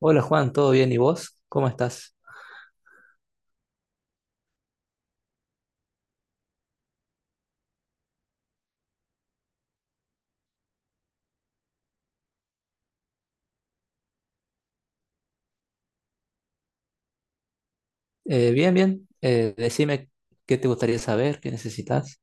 Hola Juan, ¿todo bien? ¿Y vos? ¿Cómo estás? Bien, bien. Decime qué te gustaría saber, qué necesitas.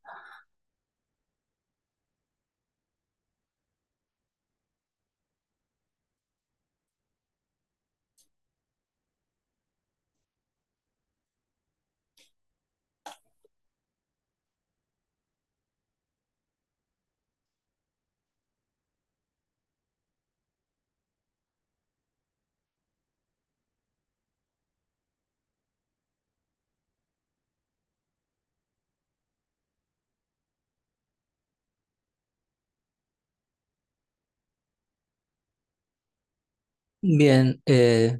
Bien,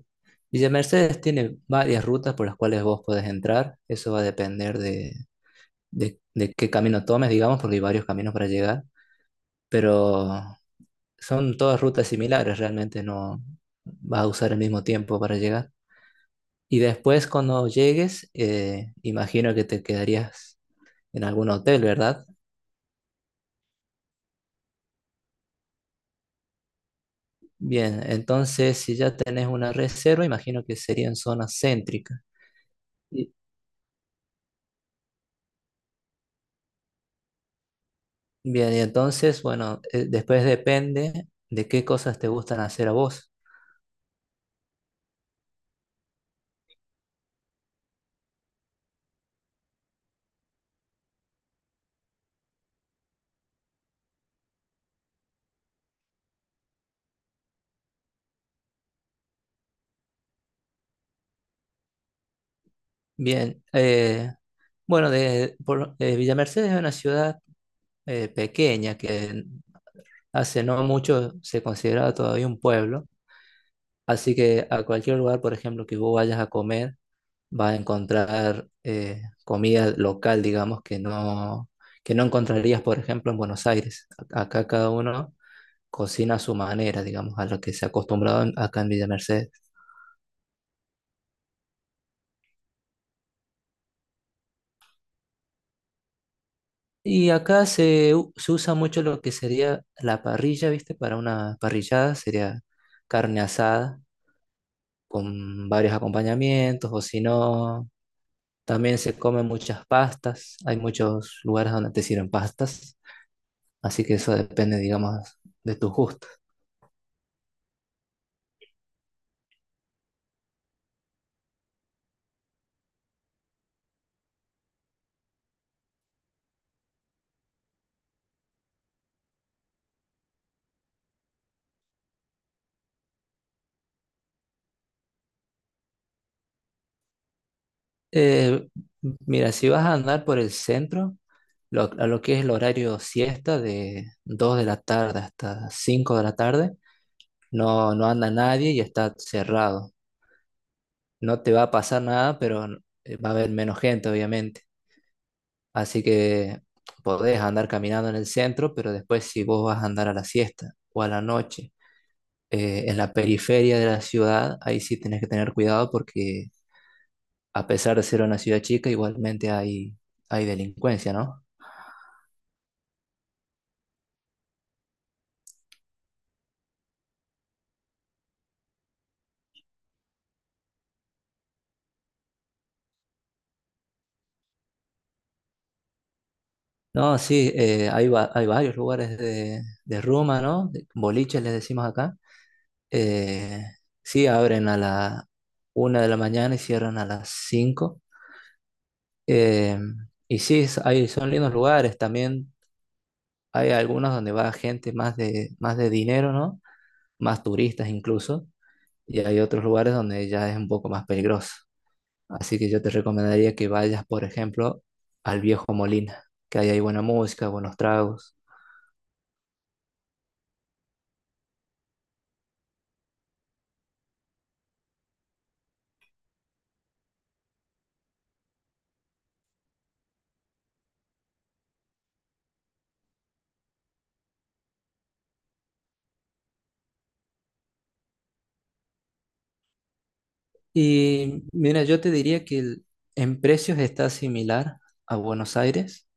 Villa Mercedes tiene varias rutas por las cuales vos podés entrar. Eso va a depender de qué camino tomes, digamos, porque hay varios caminos para llegar. Pero son todas rutas similares, realmente no vas a usar el mismo tiempo para llegar. Y después cuando llegues, imagino que te quedarías en algún hotel, ¿verdad? Bien, entonces si ya tenés una reserva, imagino que sería en zona céntrica. Y- Bien, y entonces, bueno, después depende de qué cosas te gustan hacer a vos. Bien, bueno, Villa Mercedes es una ciudad pequeña que hace no mucho se consideraba todavía un pueblo, así que a cualquier lugar, por ejemplo, que vos vayas a comer, va a encontrar comida local, digamos, que no encontrarías, por ejemplo, en Buenos Aires. Acá cada uno cocina a su manera, digamos, a lo que se ha acostumbrado acá en Villa Mercedes. Y acá se usa mucho lo que sería la parrilla, ¿viste? Para una parrillada sería carne asada con varios acompañamientos, o si no, también se comen muchas pastas. Hay muchos lugares donde te sirven pastas, así que eso depende, digamos, de tus gustos. Eh, Mira, si vas a andar por el centro, a lo que es el horario siesta de 2 de la tarde hasta 5 de la tarde, no, no anda nadie y está cerrado. No te va a pasar nada, pero va a haber menos gente, obviamente. Así que podés andar caminando en el centro, pero después si vos vas a andar a la siesta o a la noche, en la periferia de la ciudad, ahí sí tenés que tener cuidado porque a pesar de ser una ciudad chica, igualmente hay delincuencia, ¿no? No, sí, hay, hay varios lugares de rumba, ¿no? Boliches les decimos acá. Eh, sí, abren a la 1 de la mañana y cierran a las 5. Eh, y sí, hay, son lindos lugares. También hay algunos donde va gente más de dinero, ¿no? Más turistas incluso. Y hay otros lugares donde ya es un poco más peligroso. Así que yo te recomendaría que vayas, por ejemplo, al Viejo Molina, que ahí hay buena música, buenos tragos. Y mira, yo te diría en precios está similar a Buenos Aires,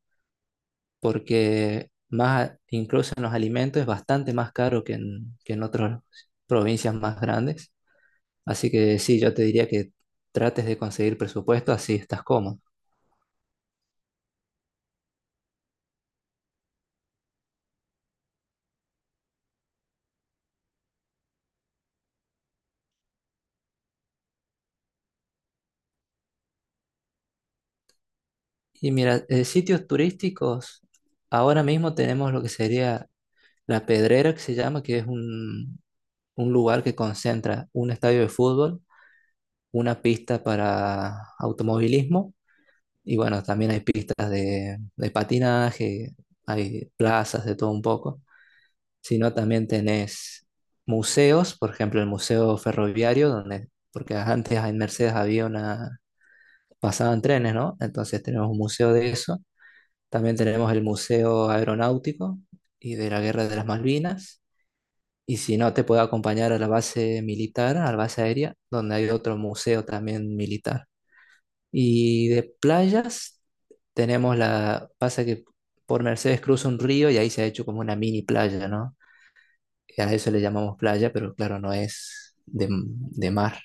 porque incluso en los alimentos es bastante más caro que en otras provincias más grandes. Así que sí, yo te diría que trates de conseguir presupuesto, así estás cómodo. Y mira, sitios turísticos, ahora mismo tenemos lo que sería La Pedrera, que se llama, que es un lugar que concentra un estadio de fútbol, una pista para automovilismo. Y bueno, también hay pistas de patinaje, hay plazas de todo un poco, sino también tenés museos, por ejemplo, el Museo Ferroviario, donde, porque antes en Mercedes había una, pasaban trenes, ¿no? Entonces tenemos un museo de eso. También tenemos el Museo Aeronáutico y de la Guerra de las Malvinas. Y si no, te puedo acompañar a la base militar, a la base aérea, donde hay otro museo también militar. Y de playas tenemos la, pasa que por Mercedes cruza un río y ahí se ha hecho como una mini playa, ¿no? Y a eso le llamamos playa, pero claro, no es de mar.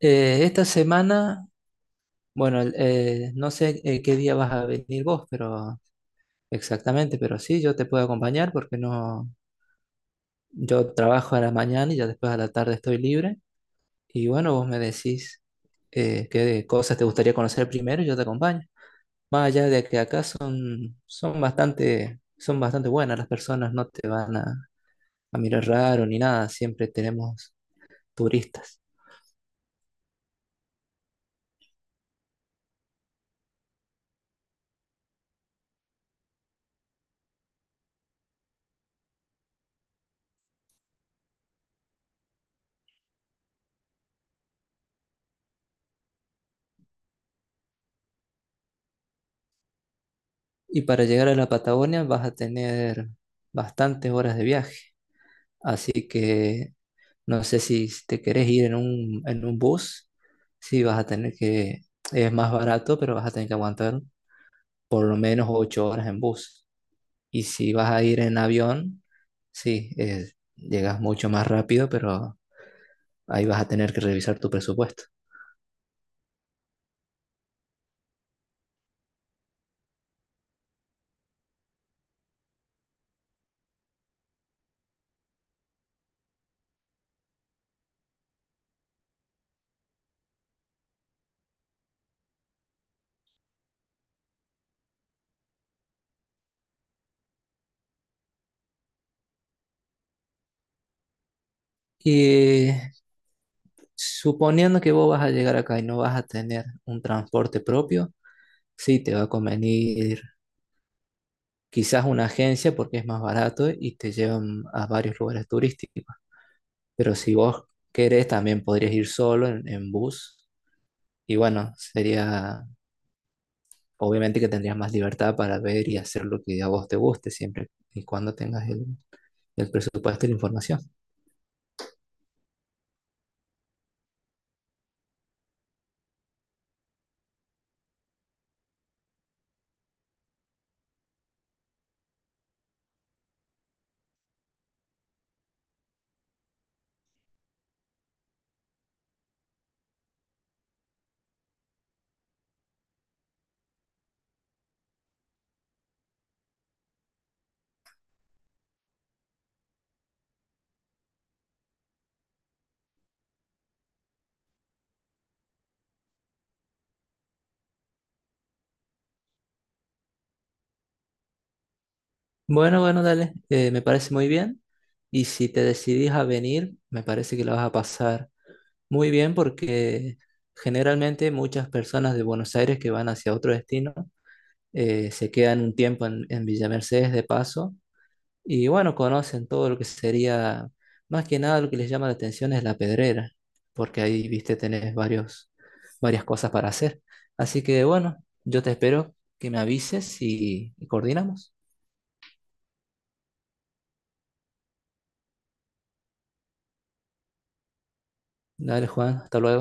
Esta semana, bueno, no sé qué día vas a venir vos, pero exactamente, pero sí, yo te puedo acompañar porque no, yo trabajo a la mañana y ya después a la tarde estoy libre. Y bueno, vos me decís qué cosas te gustaría conocer primero y yo te acompaño. Vaya, de que acá son, son bastante buenas las personas, no te van a mirar raro ni nada, siempre tenemos turistas. Y para llegar a la Patagonia vas a tener bastantes horas de viaje, así que no sé si te querés ir en un bus, sí vas a tener que, es más barato, pero vas a tener que aguantar por lo menos 8 horas en bus. Y si vas a ir en avión, sí, llegas mucho más rápido, pero ahí vas a tener que revisar tu presupuesto. Y suponiendo que vos vas a llegar acá y no vas a tener un transporte propio, sí te va a convenir quizás una agencia porque es más barato y te llevan a varios lugares turísticos. Pero si vos querés, también podrías ir solo en bus. Y bueno, sería obviamente que tendrías más libertad para ver y hacer lo que a vos te guste siempre y cuando tengas el presupuesto y la información. Bueno, bueno, dale, me parece muy bien. Y si te decidís a venir, me parece que la vas a pasar muy bien porque generalmente muchas personas de Buenos Aires que van hacia otro destino se quedan un tiempo en Villa Mercedes de paso y bueno, conocen todo lo que sería, más que nada lo que les llama la atención es la Pedrera, porque ahí, viste, tenés varios, varias cosas para hacer. Así que bueno, yo te espero que me avises y coordinamos. Dale, Juan, hasta luego.